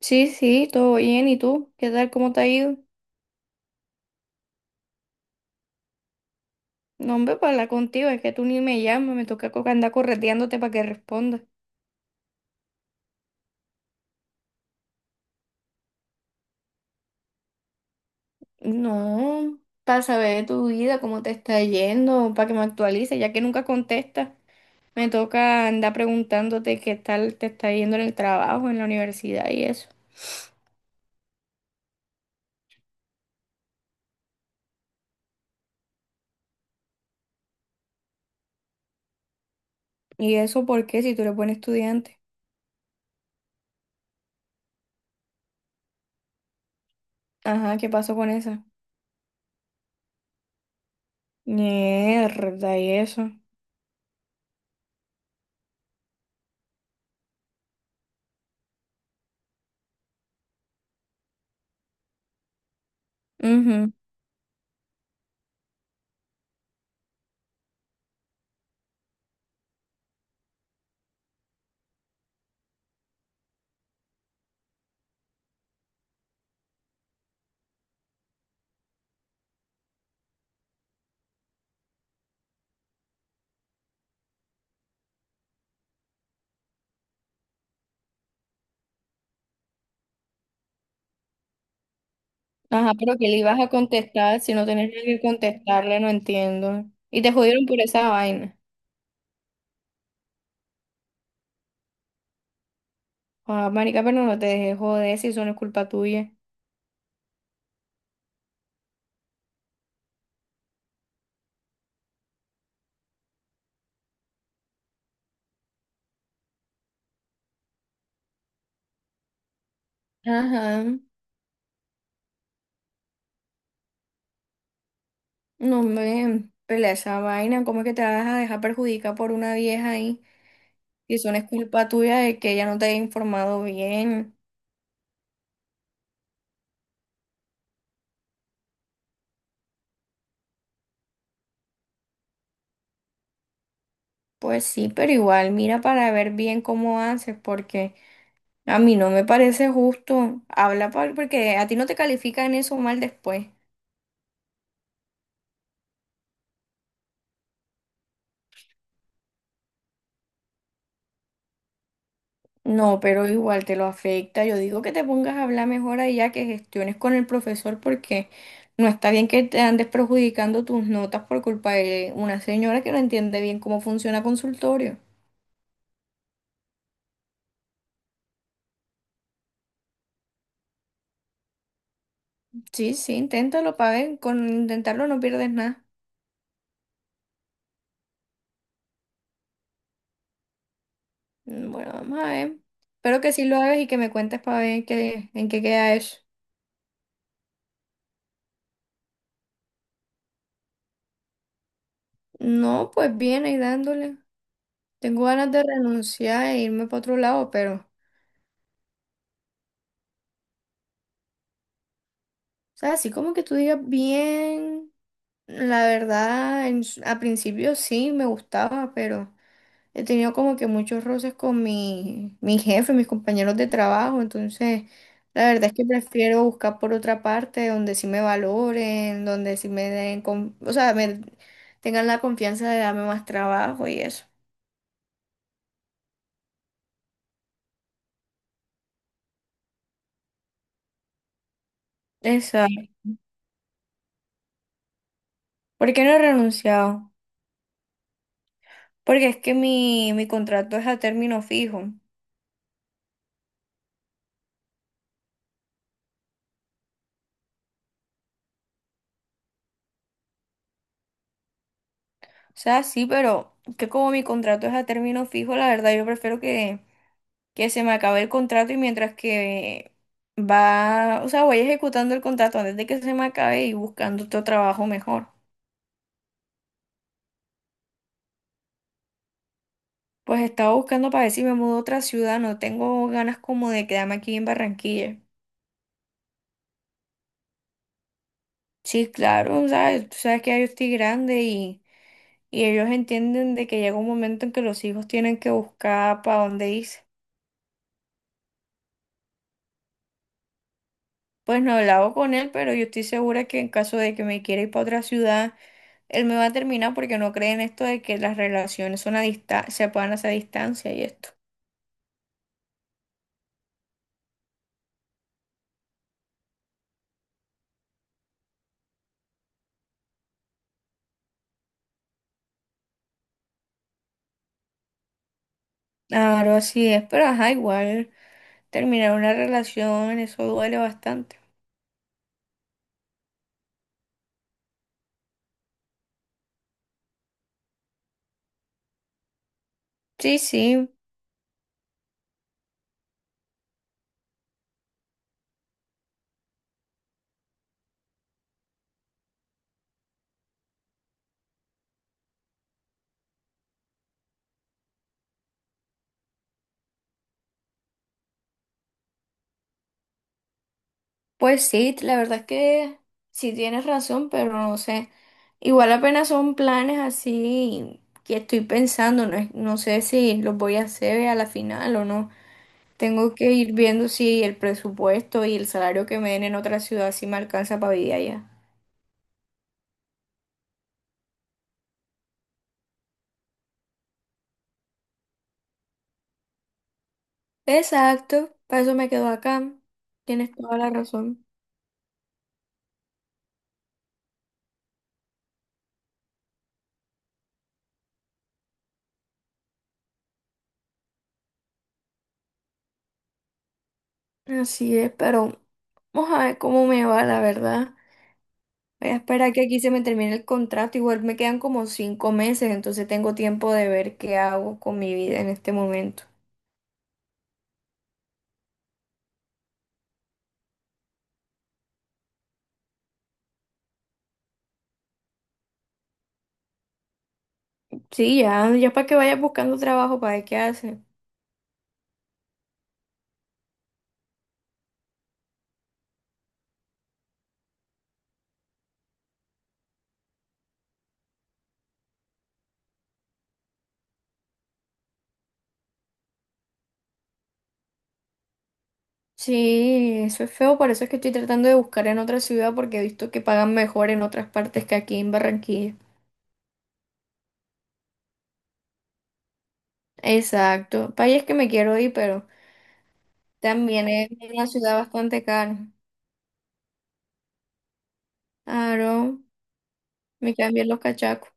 Sí, sí, todo bien. ¿Y tú? ¿Qué tal? ¿Cómo te ha ido? No, hombre, para hablar contigo, es que tú ni me llamas, me toca andar correteándote para que respondas. No, para saber de tu vida, cómo te está yendo, para que me actualices, ya que nunca contestas. Me toca andar preguntándote qué tal te está yendo en el trabajo, en la universidad y eso. ¿Y eso por qué? Si tú eres buen estudiante. Ajá, ¿qué pasó con esa? Mierda, ¿y eso? Ajá, pero qué le ibas a contestar si no tenías nada que contestarle, no entiendo. Y te jodieron por esa vaina. Ah, marica, pero no te dejes joder si eso no es culpa tuya. Ajá, no me pelea esa vaina. ¿Cómo es que te vas a dejar perjudicar por una vieja ahí? Si eso no es culpa tuya de que ella no te haya informado bien. Pues sí, pero igual, mira para ver bien cómo haces, porque a mí no me parece justo. Habla porque a ti no te califican eso mal después. No, pero igual te lo afecta. Yo digo que te pongas a hablar mejor allá, que gestiones con el profesor, porque no está bien que te andes perjudicando tus notas por culpa de una señora que no entiende bien cómo funciona consultorio. Sí, sí, inténtalo para ver. Con intentarlo no pierdes nada. Mm, bueno, vamos a ver. Espero que sí lo hagas y que me cuentes para ver qué, en qué queda eso. No, pues bien, ahí dándole. Tengo ganas de renunciar e irme para otro lado, pero, o sea, así como que tú digas bien. La verdad, en a principio sí me gustaba, pero he tenido como que muchos roces con mi jefe, mis compañeros de trabajo, entonces la verdad es que prefiero buscar por otra parte donde sí me valoren, donde sí me den, o sea, me tengan la confianza de darme más trabajo y eso. Exacto. ¿Por qué no he renunciado? Porque es que mi contrato es a término fijo. O sea, sí, pero que como mi contrato es a término fijo, la verdad yo prefiero que se me acabe el contrato y mientras que va, o sea, voy ejecutando el contrato antes de que se me acabe y buscando otro trabajo mejor. Pues estaba buscando para ver si me mudo a otra ciudad, no tengo ganas como de quedarme aquí en Barranquilla. Sí, claro, ¿sabes? Tú sabes que ya yo estoy grande y ellos entienden de que llega un momento en que los hijos tienen que buscar para dónde irse. Pues no he hablado con él, pero yo estoy segura que en caso de que me quiera ir para otra ciudad, él me va a terminar porque no cree en esto de que las relaciones son a se puedan hacer a distancia y esto. Claro, así es, pero ajá, igual terminar una relación, eso duele bastante. Sí, sí, pues sí, la verdad es que sí tienes razón, pero no sé. Igual apenas son planes así que estoy pensando, no, no sé si los voy a hacer a la final o no. Tengo que ir viendo si el presupuesto y el salario que me den en otra ciudad si me alcanza para vivir allá. Exacto, para eso me quedo acá. Tienes toda la razón. Así es, pero vamos a ver cómo me va, la verdad. Voy a esperar que aquí se me termine el contrato. Igual me quedan como 5 meses, entonces tengo tiempo de ver qué hago con mi vida en este momento. Sí, ya, ya para que vayas buscando trabajo, para ver qué hace. Sí, eso es feo, por eso es que estoy tratando de buscar en otra ciudad porque he visto que pagan mejor en otras partes que aquí en Barranquilla. Exacto, país es que me quiero ir, pero también es una ciudad bastante cara. Claro, me cambian los cachacos.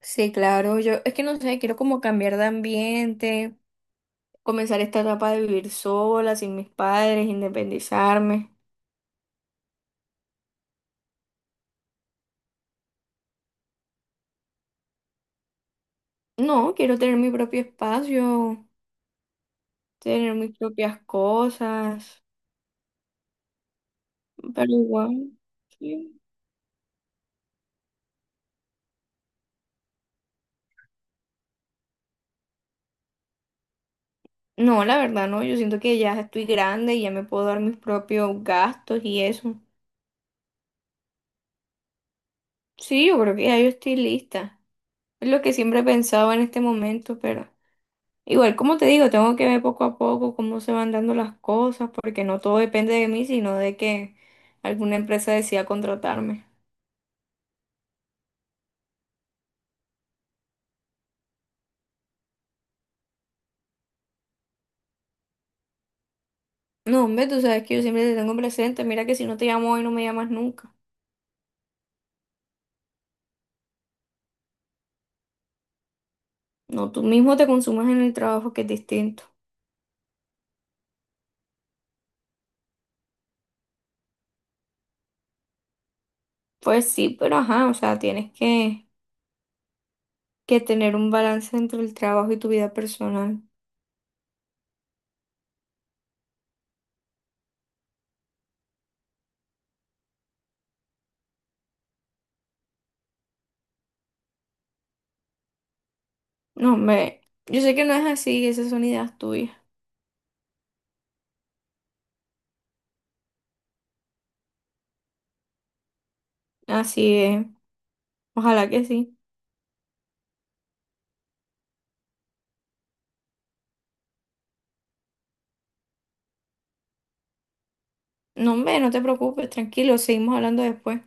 Sí, claro, yo es que no sé, quiero como cambiar de ambiente, comenzar esta etapa de vivir sola, sin mis padres, independizarme. No, quiero tener mi propio espacio, tener mis propias cosas, pero igual, sí. No, la verdad, no, yo siento que ya estoy grande y ya me puedo dar mis propios gastos y eso. Sí, yo creo que ya yo estoy lista. Es lo que siempre he pensado en este momento, pero igual, como te digo, tengo que ver poco a poco cómo se van dando las cosas, porque no todo depende de mí, sino de que alguna empresa decida contratarme. No, hombre, tú sabes que yo siempre te tengo presente. Mira que si no te llamo hoy, no me llamas nunca. No, tú mismo te consumes en el trabajo, que es distinto. Pues sí, pero ajá, o sea, tienes que tener un balance entre el trabajo y tu vida personal. No, hombre, yo sé que no es así, esas son ideas tuyas. Así es, ojalá que sí. No, hombre, no te preocupes, tranquilo, seguimos hablando después.